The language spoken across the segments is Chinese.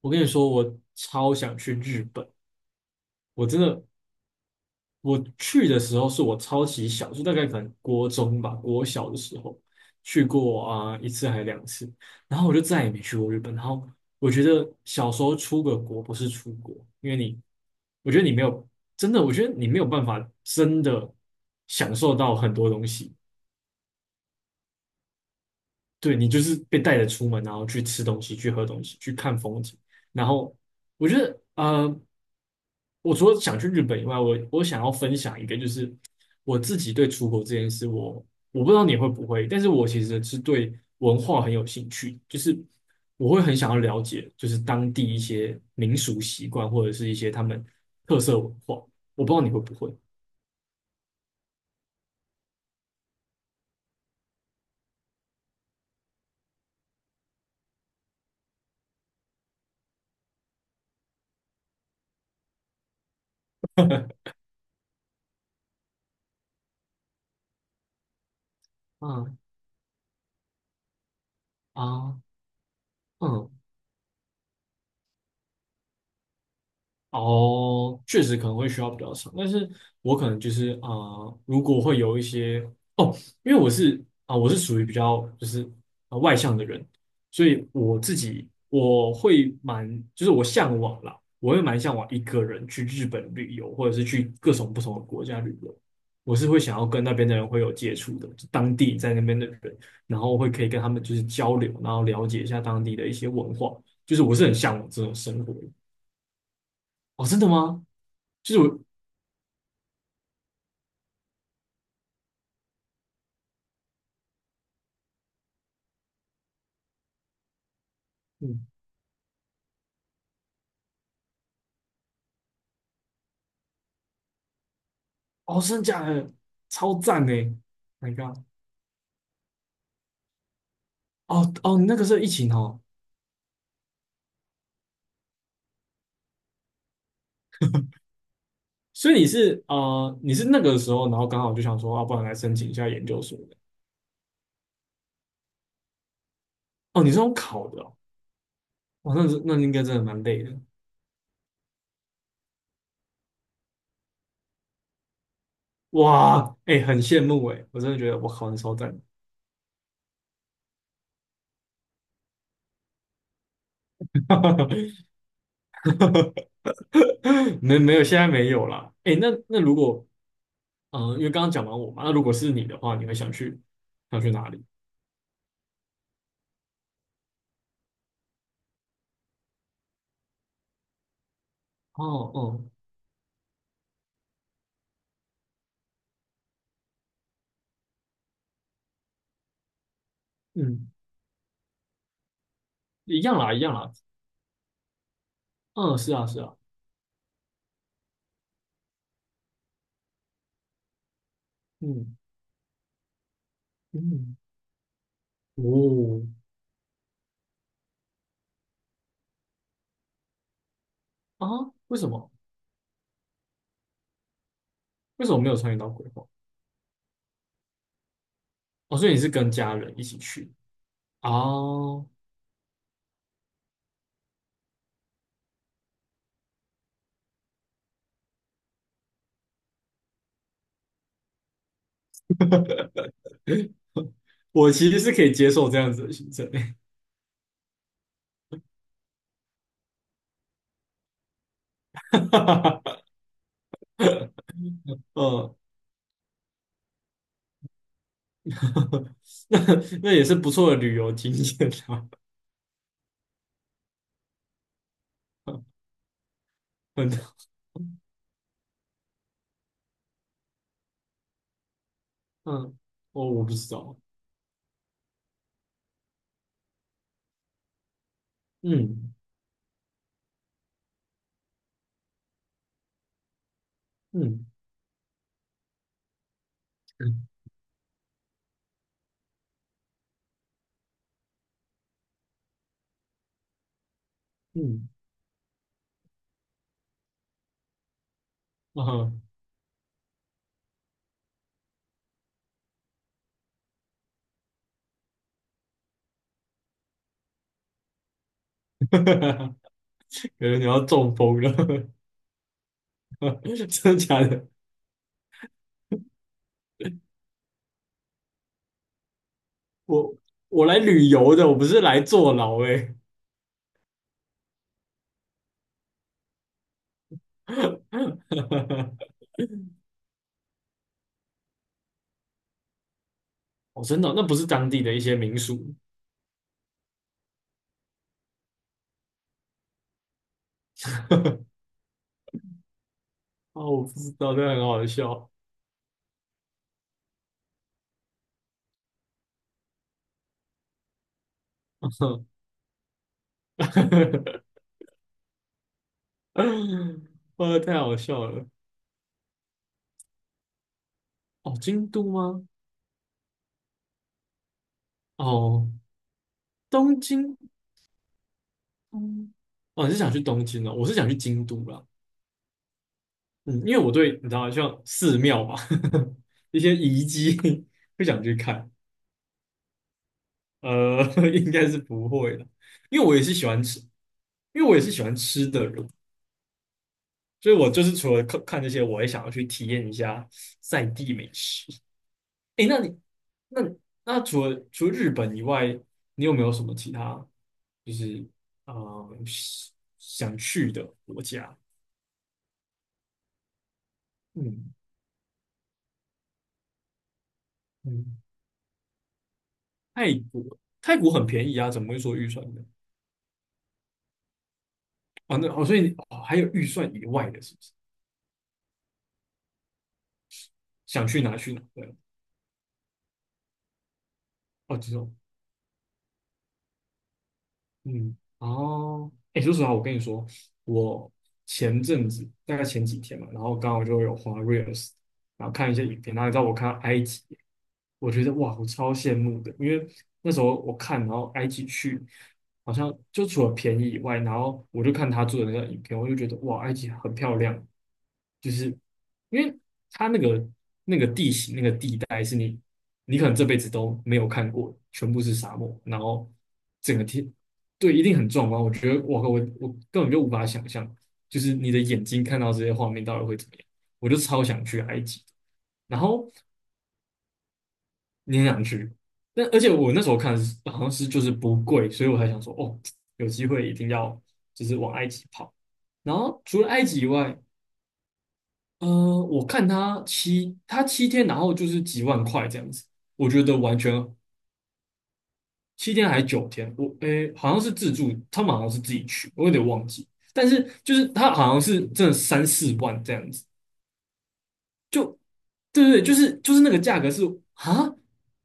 我跟你说，我超想去日本，我真的，我去的时候是我超级小，就大概可能国中吧，国小的时候去过啊、一次还是两次，然后我就再也没去过日本。然后我觉得小时候出个国不是出国，因为你，我觉得你没有真的，我觉得你没有办法真的享受到很多东西，对你就是被带着出门，然后去吃东西、去喝东西、去看风景，然后我觉得我除了想去日本以外，我想要分享一个，就是我自己对出国这件事，我不知道你会不会，但是我其实是对文化很有兴趣，就是我会很想要了解，就是当地一些民俗习惯或者是一些他们特色文化，我不知道你会不会。嗯啊，嗯哦，确实可能会需要比较长，但是我可能就是啊、如果会有一些哦，因为我是属于比较就是啊、外向的人，所以我自己我会蛮就是我向往啦，我会蛮向往一个人去日本旅游，或者是去各种不同的国家旅游，我是会想要跟那边的人会有接触的，就当地在那边的人，然后会可以跟他们就是交流，然后了解一下当地的一些文化，就是我是很向往这种生活的。哦，真的吗？就是我，嗯，哦，真的假的？超赞的，Oh！My God！哦哦，你那个时候疫情哦，所以你是那个时候，然后刚好就想说，啊，不然来申请一下研究所的。哦，你是用考的哦，哇，那应该真的蛮累的。哇，哎、很羡慕哎，我真的觉得我考的超赞。没有，现在没有啦。哎、那如果，嗯、因为刚刚讲完我嘛，那如果是你的话，你会想去哪里？哦哦，嗯，一样啦，一样啦。嗯，是啊，是啊。嗯嗯，哦啊，为什么？为什么没有参与到规划？哦，所以你是跟家人一起去哦。我其实是可以接受这样子的行程，嗯，那那也是不错的旅游经验啊，很嗯，哦，我不知道，嗯嗯嗯嗯，啊，感觉你要中风了，真的假的？我我来旅游的，我不是来坐牢哎、欸。哦，真的哦那不是当地的一些民俗 哦，我不知道，这很好笑，哇，太好笑了。哦，京都吗？哦，东京。哦，你是想去东京哦？我是想去京都啦。嗯，因为我对你知道，像寺庙嘛，一些遗迹 不想去看。呃，应该是不会的，因为我也是喜欢吃，因为我也是喜欢吃的人，所以我就是除了看看这些，我也想要去体验一下在地美食。诶，那你那除了日本以外，你有没有什么其他就是想去的国家？嗯嗯，泰国泰国很便宜啊，怎么会说预算呢？啊，那哦，所以你哦还有预算以外的，是不是？想去哪去哪？对啊哦，嗯，哦，哎，说实话，我跟你说，我前阵子大概前几天嘛，然后刚好就有滑 Reels，然后看一些影片，然后你知道我看到埃及，我觉得哇，我超羡慕的，因为那时候我看，然后埃及去，好像就除了便宜以外，然后我就看他做的那个影片，我就觉得哇，埃及很漂亮，就是因为它那个地形那个地带是你可能这辈子都没有看过，全部是沙漠，然后整个天对，一定很壮观。我觉得，我根本就无法想象，就是你的眼睛看到这些画面到底会怎么样。我就超想去埃及，然后你很想去，而且我那时候看是好像是就是不贵，所以我才想说，哦，有机会一定要就是往埃及跑。然后除了埃及以外，呃，我看他七天，然后就是几万块这样子，我觉得完全七天还是九天，我诶、好像是自助，他们好像是自己去，我有点忘记。但是就是他好像是真的三四万这样子，就对对对，就是那个价格是啊，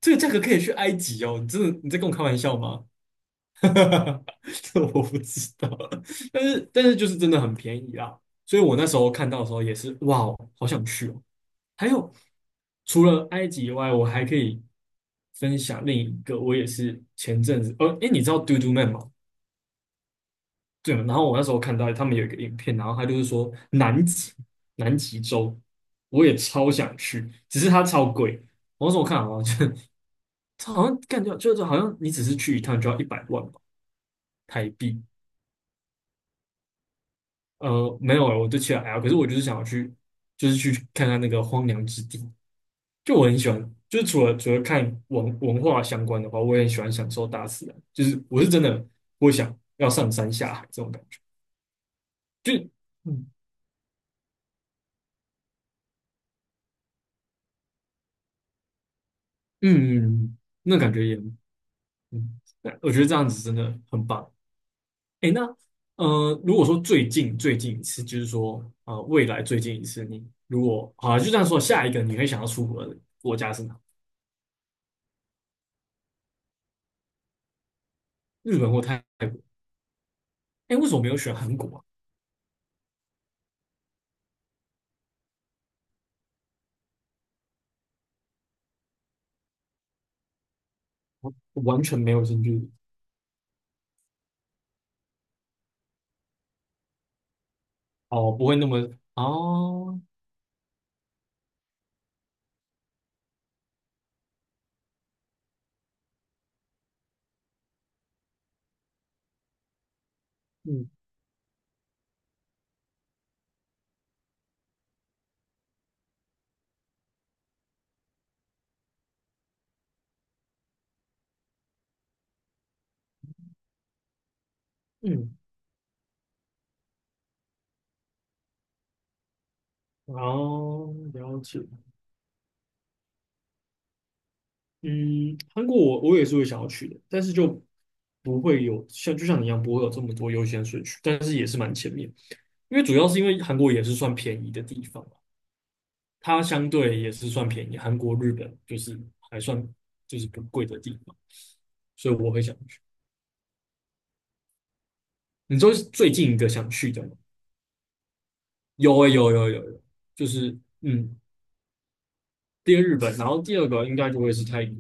这个价格可以去埃及哦，你真的你在跟我开玩笑吗？这我不知道，但是就是真的很便宜啦，所以我那时候看到的时候也是哇哦，好想去哦。还有除了埃及以外，我还可以分享另一个，我也是前阵子，哎，你知道 Do Do Man 吗？对，然后我那时候看到他们有一个影片，然后他就是说南极，南极洲，我也超想去，只是它超贵。我那时候看好像就 它好像感觉就是好像你只是去一趟就要一百万吧台币。没有了，我对其他还好可是我就是想要去，就是去看看那个荒凉之地。就我很喜欢，就是除了看文化相关的话，我也很喜欢享受大自然。就是我是真的不想要上山下海这种感觉，就嗯嗯，嗯嗯那感觉也嗯，对，我觉得这样子真的很棒。哎，那如果说最近一次，就是说未来最近一次，你如果好就这样说，下一个你会想要出国的国家是哪？日本或泰国？哎，为什么没有选韩国啊？我完全没有兴趣。哦，不会那么哦，嗯嗯，哦，了解。嗯，韩国我也是会想要去的，但是就不会有就像你一样不会有这么多优先顺序，但是也是蛮前面，因为主要是因为韩国也是算便宜的地方嘛，它相对也是算便宜，韩国、日本就是还算就是不贵的地方，所以我会想去。你说是最近一个想去的吗？有诶、有有有有，就是嗯，第一个日本，然后第二个应该就会是泰国，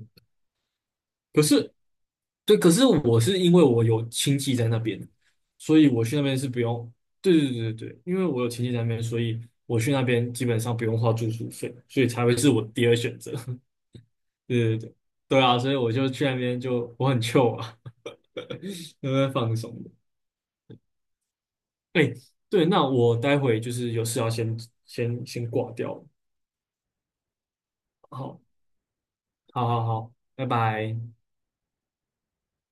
可是。对，可是我是因为我有亲戚在那边，所以我去那边是不用。对对对对对，因为我有亲戚在那边，所以我去那边基本上不用花住宿费，所以才会是我第二选择。对对对，对啊，所以我就去那边就我很 c 啊，那边放松的。哎，对，那我待会就是有事要先挂掉了好好好好，拜拜。